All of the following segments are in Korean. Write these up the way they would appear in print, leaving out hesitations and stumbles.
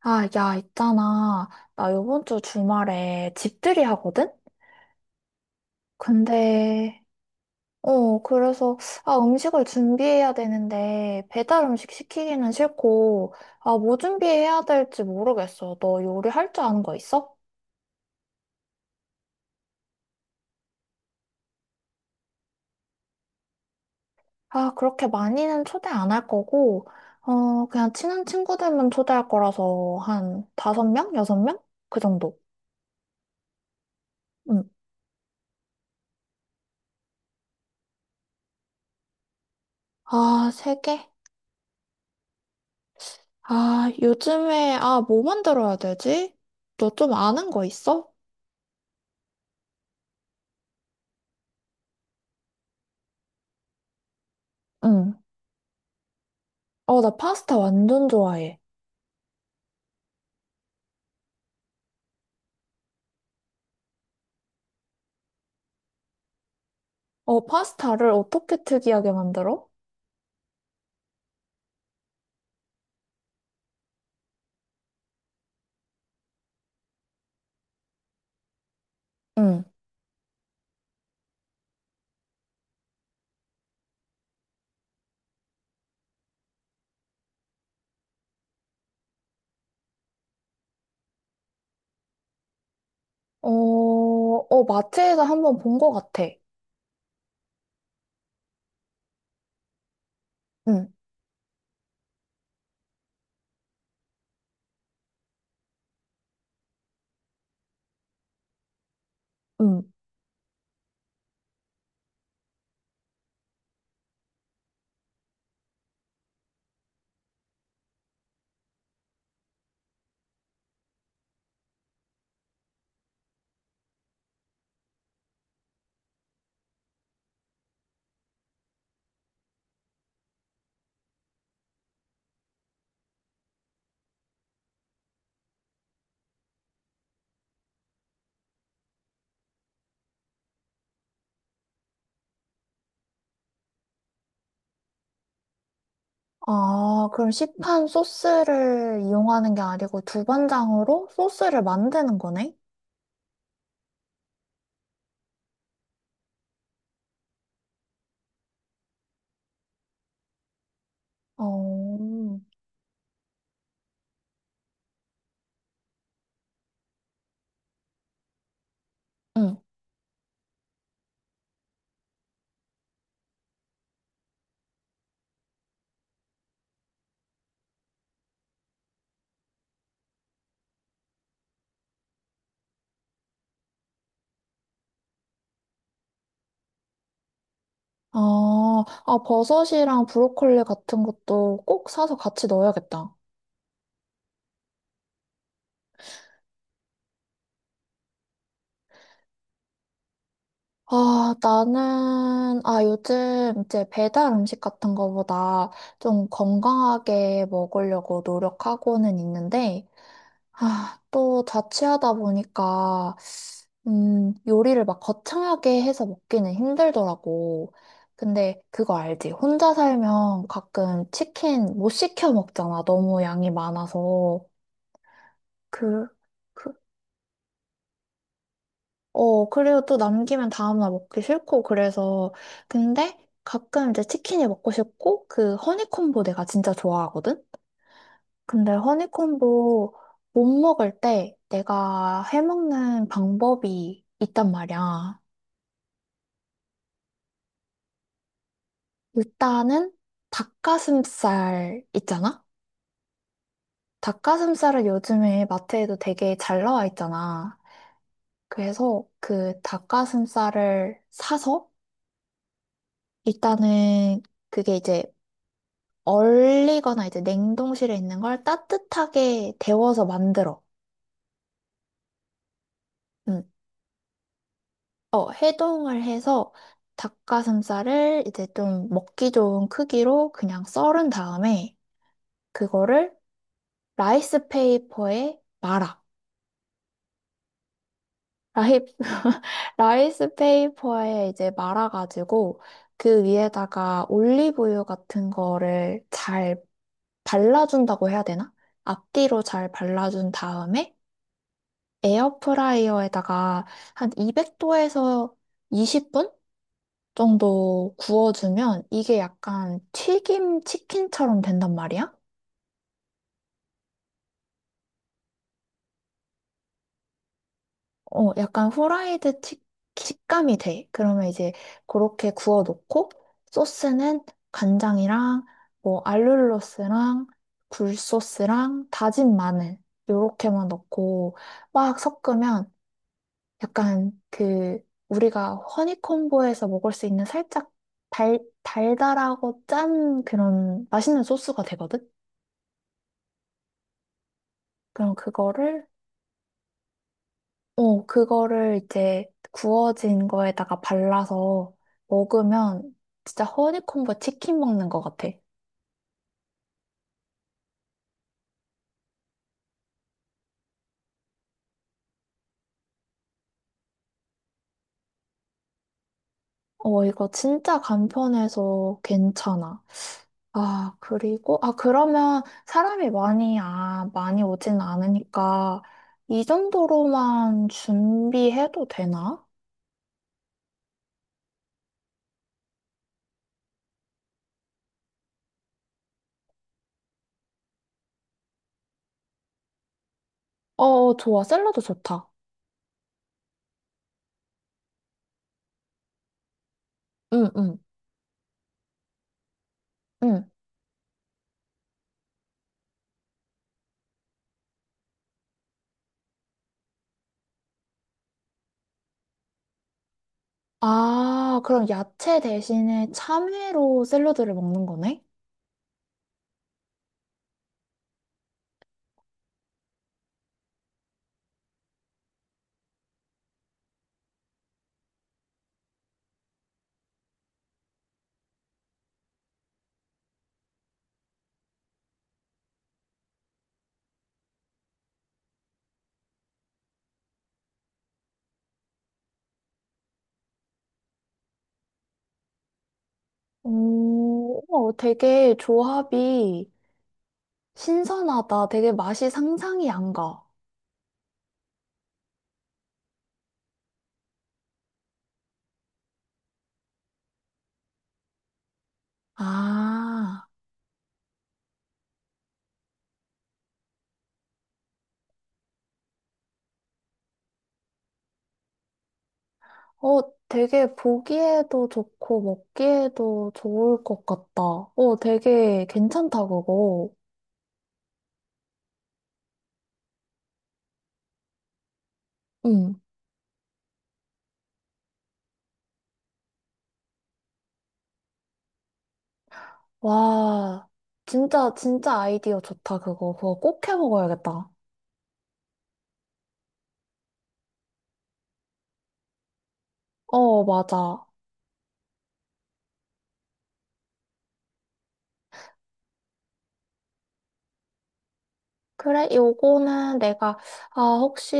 야, 있잖아. 나 요번 주 주말에 집들이 하거든? 근데, 그래서, 음식을 준비해야 되는데, 배달 음식 시키기는 싫고, 뭐 준비해야 될지 모르겠어. 너 요리할 줄 아는 거 있어? 그렇게 많이는 초대 안 할 거고, 그냥 친한 친구들만 초대할 거라서, 한 5명? 6명? 그 정도. 응. 3개? 요즘에, 뭐 만들어야 되지? 너 좀 아는 거 있어? 응, 나 파스타 완전 좋아해. 파스타를 어떻게 특이하게 만들어? 응, 어, 어, 마트에서 한번 본 거 같아. 응, 응. 그럼 시판 소스를 이용하는 게 아니고 두반장으로 소스를 만드는 거네? 어, 응. 버섯이랑 브로콜리 같은 것도 꼭 사서 같이 넣어야겠다. 나는, 요즘 이제 배달 음식 같은 거보다 좀 건강하게 먹으려고 노력하고는 있는데, 또 자취하다 보니까, 요리를 막 거창하게 해서 먹기는 힘들더라고. 근데 그거 알지? 혼자 살면 가끔 치킨 못 시켜 먹잖아. 너무 양이 많아서. 그, 그, 그리고 또 남기면 다음날 먹기 싫고, 그래서. 근데 가끔 이제 치킨이 먹고 싶고, 그 허니콤보 내가 진짜 좋아하거든? 근데 허니콤보 못 먹을 때 내가 해먹는 방법이 있단 말이야. 일단은 닭가슴살 있잖아? 닭가슴살을 요즘에 마트에도 되게 잘 나와 있잖아. 그래서 그 닭가슴살을 사서 일단은 그게 이제 얼리거나 이제 냉동실에 있는 걸 따뜻하게 데워서 만들어. 음. 해동을 해서 닭가슴살을 이제 좀 먹기 좋은 크기로 그냥 썰은 다음에 그거를 라이스 페이퍼에 말아. 라이, 라이스 페이퍼에 이제 말아가지고 그 위에다가 올리브유 같은 거를 잘 발라준다고 해야 되나? 앞뒤로 잘 발라준 다음에 에어프라이어에다가 한 200도에서 20분 정도 구워주면 이게 약간 튀김 치킨처럼 된단 말이야? 약간 식감이 돼. 그러면 이제 그렇게 구워 놓고 소스는 간장이랑 뭐 알룰로스랑 굴소스랑 다진 마늘 요렇게만 넣고 막 섞으면 약간 그 우리가 허니콤보에서 먹을 수 있는 살짝 달달하고 짠 그런 맛있는 소스가 되거든? 그럼 그거를 이제 구워진 거에다가 발라서 먹으면 진짜 허니콤보 치킨 먹는 것 같아. 이거 진짜 간편해서 괜찮아. 그리고, 그러면 사람이 많이 오진 않으니까 이 정도로만 준비해도 되나? 좋아. 샐러드 좋다. 응, 응, 응. 그럼 야채 대신에 참외로 샐러드를 먹는 거네? 오, 우와, 되게 조합이 신선하다. 되게 맛이 상상이 안 가. 아, 어, 되게 보기에도 좋고 먹기에도 좋을 것 같다. 되게 괜찮다, 그거. 응. 와, 진짜, 진짜 아이디어 좋다, 그거. 그거 꼭 해 먹어야겠다. 맞아. 그래, 요거는 내가, 혹시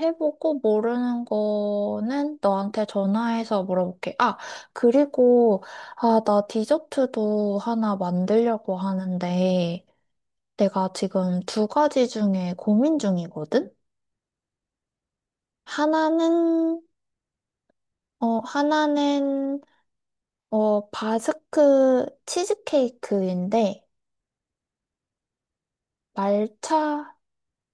해보고 모르는 거는 너한테 전화해서 물어볼게. 그리고, 나 디저트도 하나 만들려고 하는데, 내가 지금 두 가지 중에 고민 중이거든? 하나는, 하나는, 바스크 치즈케이크인데, 말차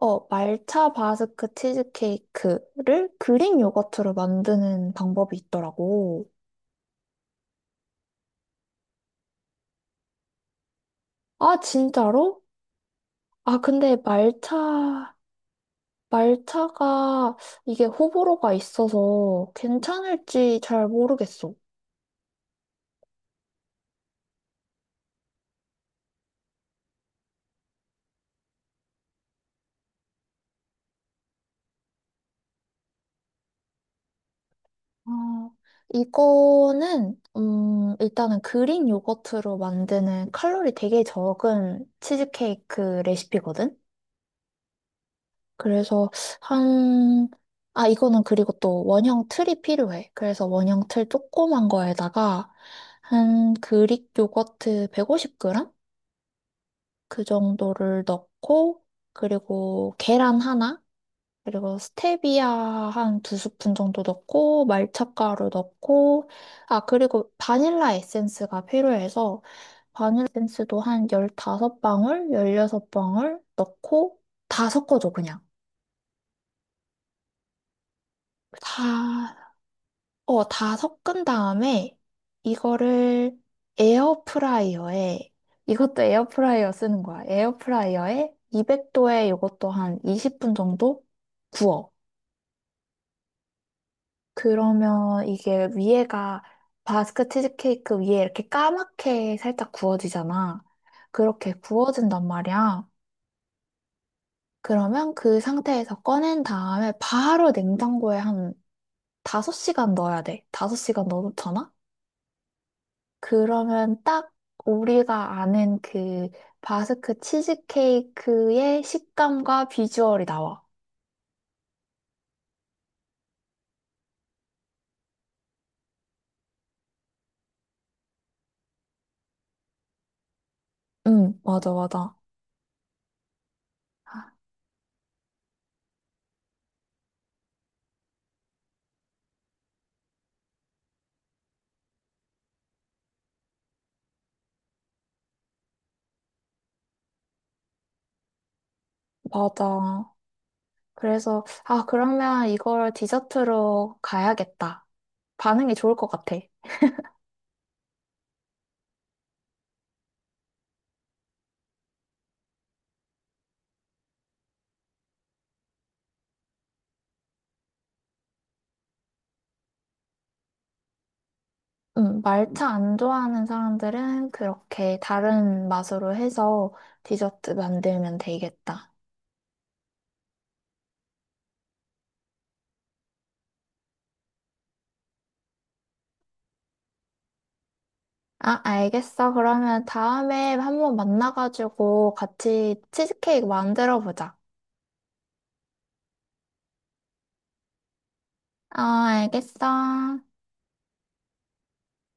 말차 바스크 치즈케이크를 그릭 요거트로 만드는 방법이 있더라고. 진짜로? 근데 말차가 이게 호불호가 있어서 괜찮을지 잘 모르겠어. 아, 이거는, 일단은 그릭 요거트로 만드는 칼로리 되게 적은 치즈케이크 레시피거든? 그래서 한, 이거는 그리고 또 원형 틀이 필요해. 그래서 원형 틀 조그만 거에다가 한 그릭 요거트 150g? 그 정도를 넣고, 그리고 계란 하나, 그리고 스테비아 한 두 스푼 정도 넣고, 말차가루 넣고, 그리고 바닐라 에센스가 필요해서 바닐라 에센스도 한 15방울, 16방울 넣고 다 섞어줘, 그냥. 다 다 섞은 다음에 이거를 에어프라이어에, 이것도 에어프라이어 쓰는 거야. 에어프라이어에 200도에 이것도 한 20분 정도 구워. 그러면 이게 위에가 바스크 치즈케이크 위에 이렇게 까맣게 살짝 구워지잖아. 그렇게 구워진단 말이야. 그러면 그 상태에서 꺼낸 다음에 바로 냉장고에 한 5시간 넣어야 돼. 5시간 넣어놓잖아? 그러면 딱 우리가 아는 그 바스크 치즈케이크의 식감과 비주얼이 나와. 응, 맞아, 맞아. 맞아. 그래서, 그러면 이걸 디저트로 가야겠다. 반응이 좋을 것 같아. 응, 말차 안 좋아하는 사람들은 그렇게 다른 맛으로 해서 디저트 만들면 되겠다. 알겠어. 그러면 다음에 한번 만나가지고 같이 치즈케이크 만들어 보자. 알겠어.